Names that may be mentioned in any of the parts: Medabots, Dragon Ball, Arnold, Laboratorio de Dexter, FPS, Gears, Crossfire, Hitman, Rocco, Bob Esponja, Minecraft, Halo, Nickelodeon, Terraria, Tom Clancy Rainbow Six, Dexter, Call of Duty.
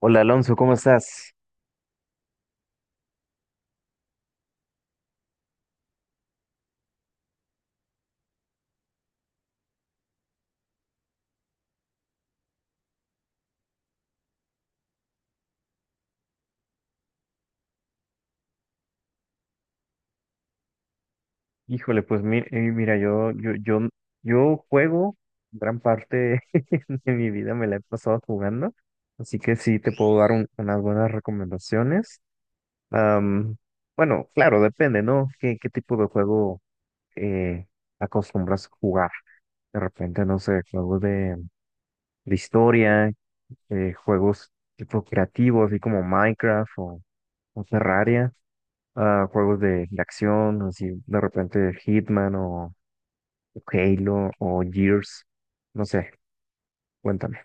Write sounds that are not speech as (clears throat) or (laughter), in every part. Hola Alonso, ¿cómo estás? Híjole, pues mira, yo juego gran parte (laughs) de mi vida, me la he pasado jugando, así que sí te puedo dar unas buenas recomendaciones. Am, bueno, claro, depende, ¿no? ¿Qué, qué tipo de juego eh, acostumbras a jugar? De repente, no sé, juegos de historia, juegos tipo creativos, así como Minecraft o Terraria. A juegos de acción, así de repente Hitman o Halo o Gears, no sé, cuéntame.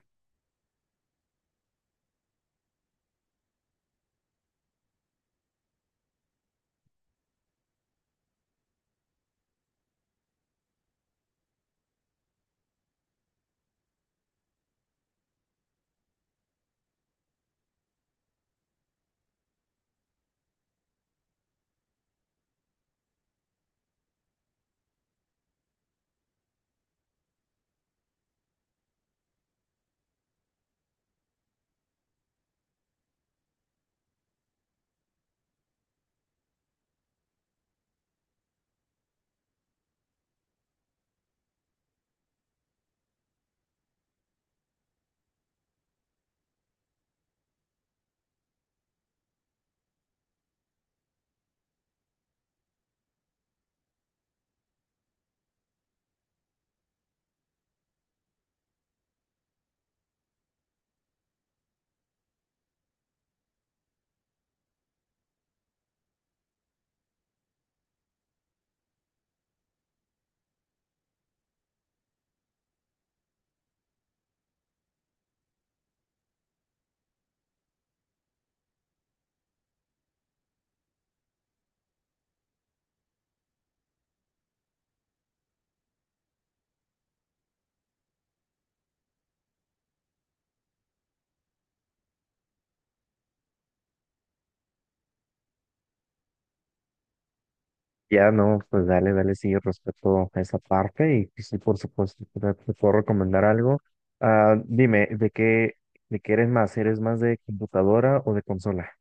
Ya no, pues dale, dale, sí, respecto a esa parte y pues sí, por supuesto, te puedo recomendar algo. Ah, dime, de qué eres más? ¿Eres más de computadora o de consola?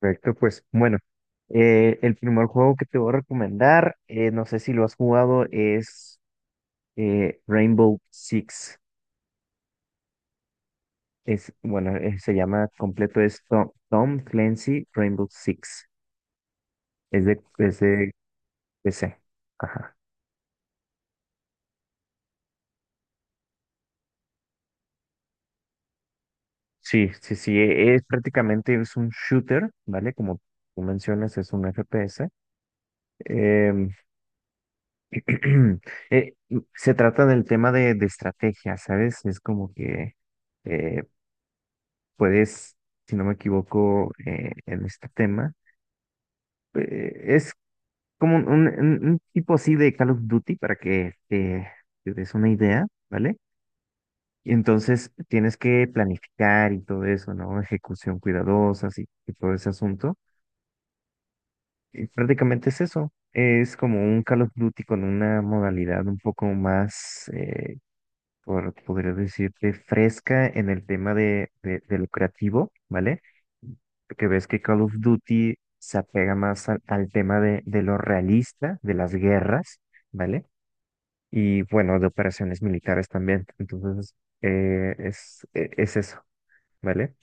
Perfecto, pues bueno, el primer juego que te voy a recomendar, no sé si lo has jugado, es Rainbow Six. Es, bueno, se llama completo es Tom Clancy Rainbow Six. Es de PC. Ajá. Sí, sí, sí. Es, prácticamente es un shooter, ¿vale? Como tú mencionas, es un FPS. Em, (clears throat) eh, se trata del tema de estrategia, ¿sabes? Es como que eh, puedes, si no me equivoco, en este tema. Eh, es como un, un tipo así de Call of Duty para que te des una idea, ¿vale? Y entonces tienes que planificar y todo eso, ¿no? Ejecución cuidadosa y todo ese asunto. Y prácticamente es eso. Es como un Call of Duty con una modalidad un poco más, por, podría decirte, fresca en el tema de lo creativo, ¿vale? Porque ves que Call of Duty se apega más al, al tema de lo realista, de las guerras, ¿vale? Y bueno, de operaciones militares también. Entonces, es eso, ¿vale?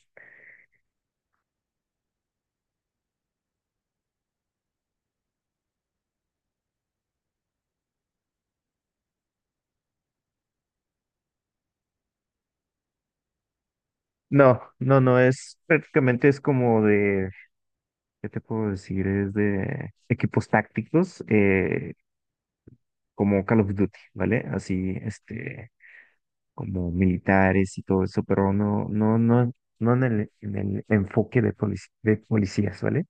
No, no, no, es prácticamente es como de, ¿qué te puedo decir? Es de equipos tácticos, como Call of Duty, ¿vale? Así, este, como militares y todo eso, pero no, no, no, no en el, en el enfoque de de policías, ¿vale?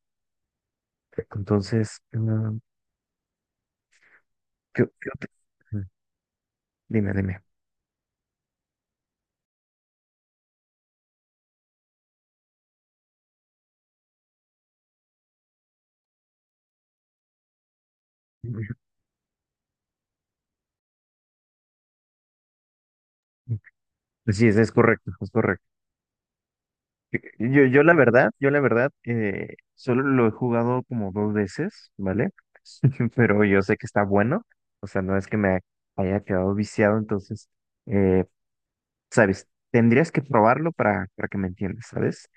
Entonces, qué otra? Dime, dime. (laughs) Sí, es correcto, es correcto. Yo, yo la verdad, solo lo he jugado como dos veces, ¿vale? (laughs) Pero yo sé que está bueno, o sea, no es que me haya quedado viciado, entonces, eh, ¿sabes? Tendrías que probarlo para que me entiendas, ¿sabes?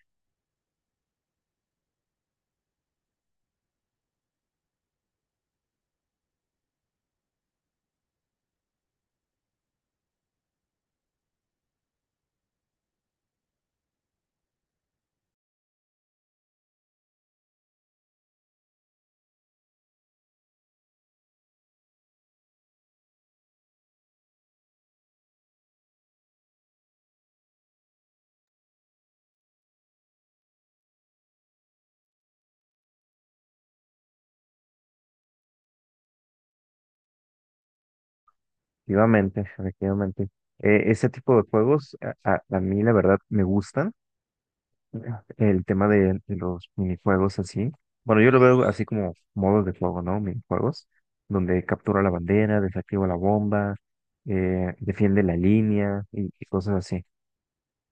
Efectivamente, efectivamente. Ese tipo de juegos a mí, la verdad, me gustan. El tema de los minijuegos así. Bueno, yo lo veo así como modos de juego, ¿no? Minijuegos, donde captura la bandera, desactiva la bomba, defiende la línea y cosas así.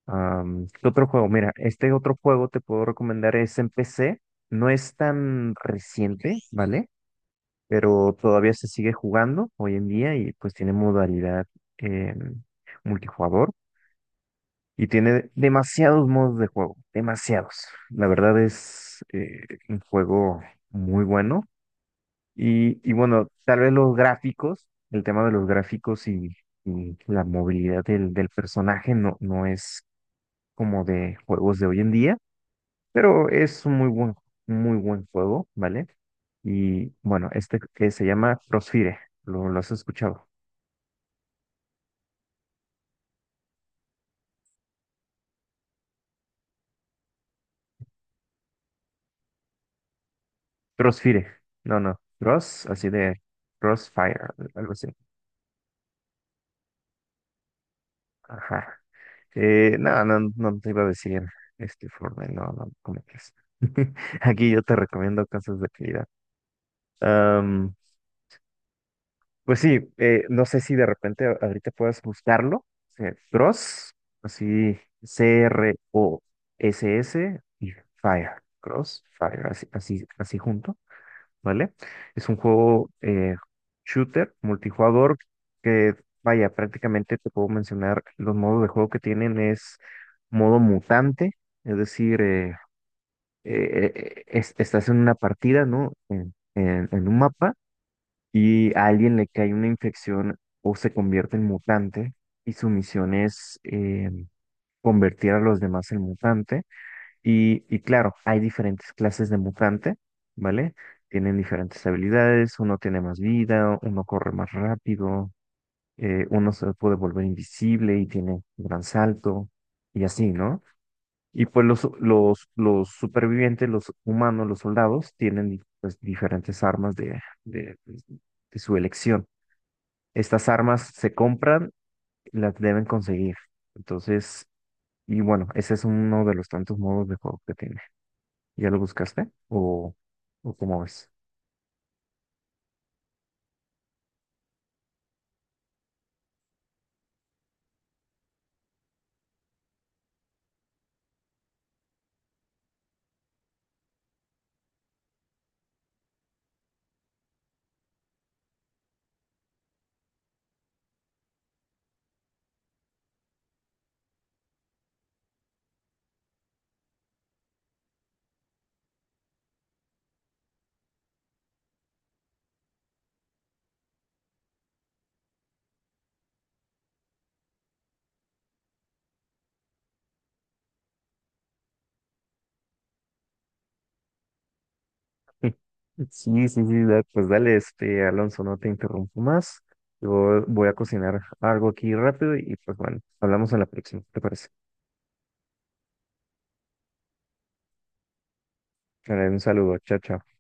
¿Qué otro juego? Mira, este otro juego te puedo recomendar es en PC. No es tan reciente, ¿vale? Pero todavía se sigue jugando hoy en día y pues tiene modalidad eh, multijugador. Y tiene demasiados modos de juego, demasiados. La verdad es un juego muy bueno. Y bueno, tal vez los gráficos, el tema de los gráficos y la movilidad del, del personaje no, no es como de juegos de hoy en día, pero es un muy buen juego, ¿vale? Y bueno, este que se llama Crossfire, lo has escuchado? Crossfire, no, no, Cross, así de Crossfire, algo así. Ajá. No, no, no te iba a decir este informe, no, no, ¿cómo crees? (laughs) Aquí yo te recomiendo cosas de calidad. Am, pues sí, no sé si de repente ahorita puedas buscarlo. Eh, Cross, así, C-R-O-S-S y Fire. Cross, Fire, así, así, así junto. ¿Vale? Es un juego shooter, multijugador, que vaya, prácticamente te puedo mencionar los modos de juego que tienen es modo mutante, es decir, estás en una partida, ¿no? En, en un mapa y a alguien le cae una infección o se convierte en mutante y su misión es convertir a los demás en mutante y claro, hay diferentes clases de mutante, ¿vale? Tienen diferentes habilidades, uno tiene más vida, uno corre más rápido, uno se puede volver invisible y tiene un gran salto, y así, ¿no? Y pues los supervivientes, los humanos, los soldados, tienen pues, diferentes armas de, pues, de su elección. Estas armas se compran, las deben conseguir. Entonces, y bueno, ese es uno de los tantos modos de juego que tiene. ¿Ya lo buscaste? O cómo ves? (laughs) Sí, sí, sí, pues dale, este, Alonso, no te interrumpo más. Yo voy a cocinar algo aquí rápido y pues bueno, hablamos en la próxima, ¿te parece? Dale, un saludo, chao, chao.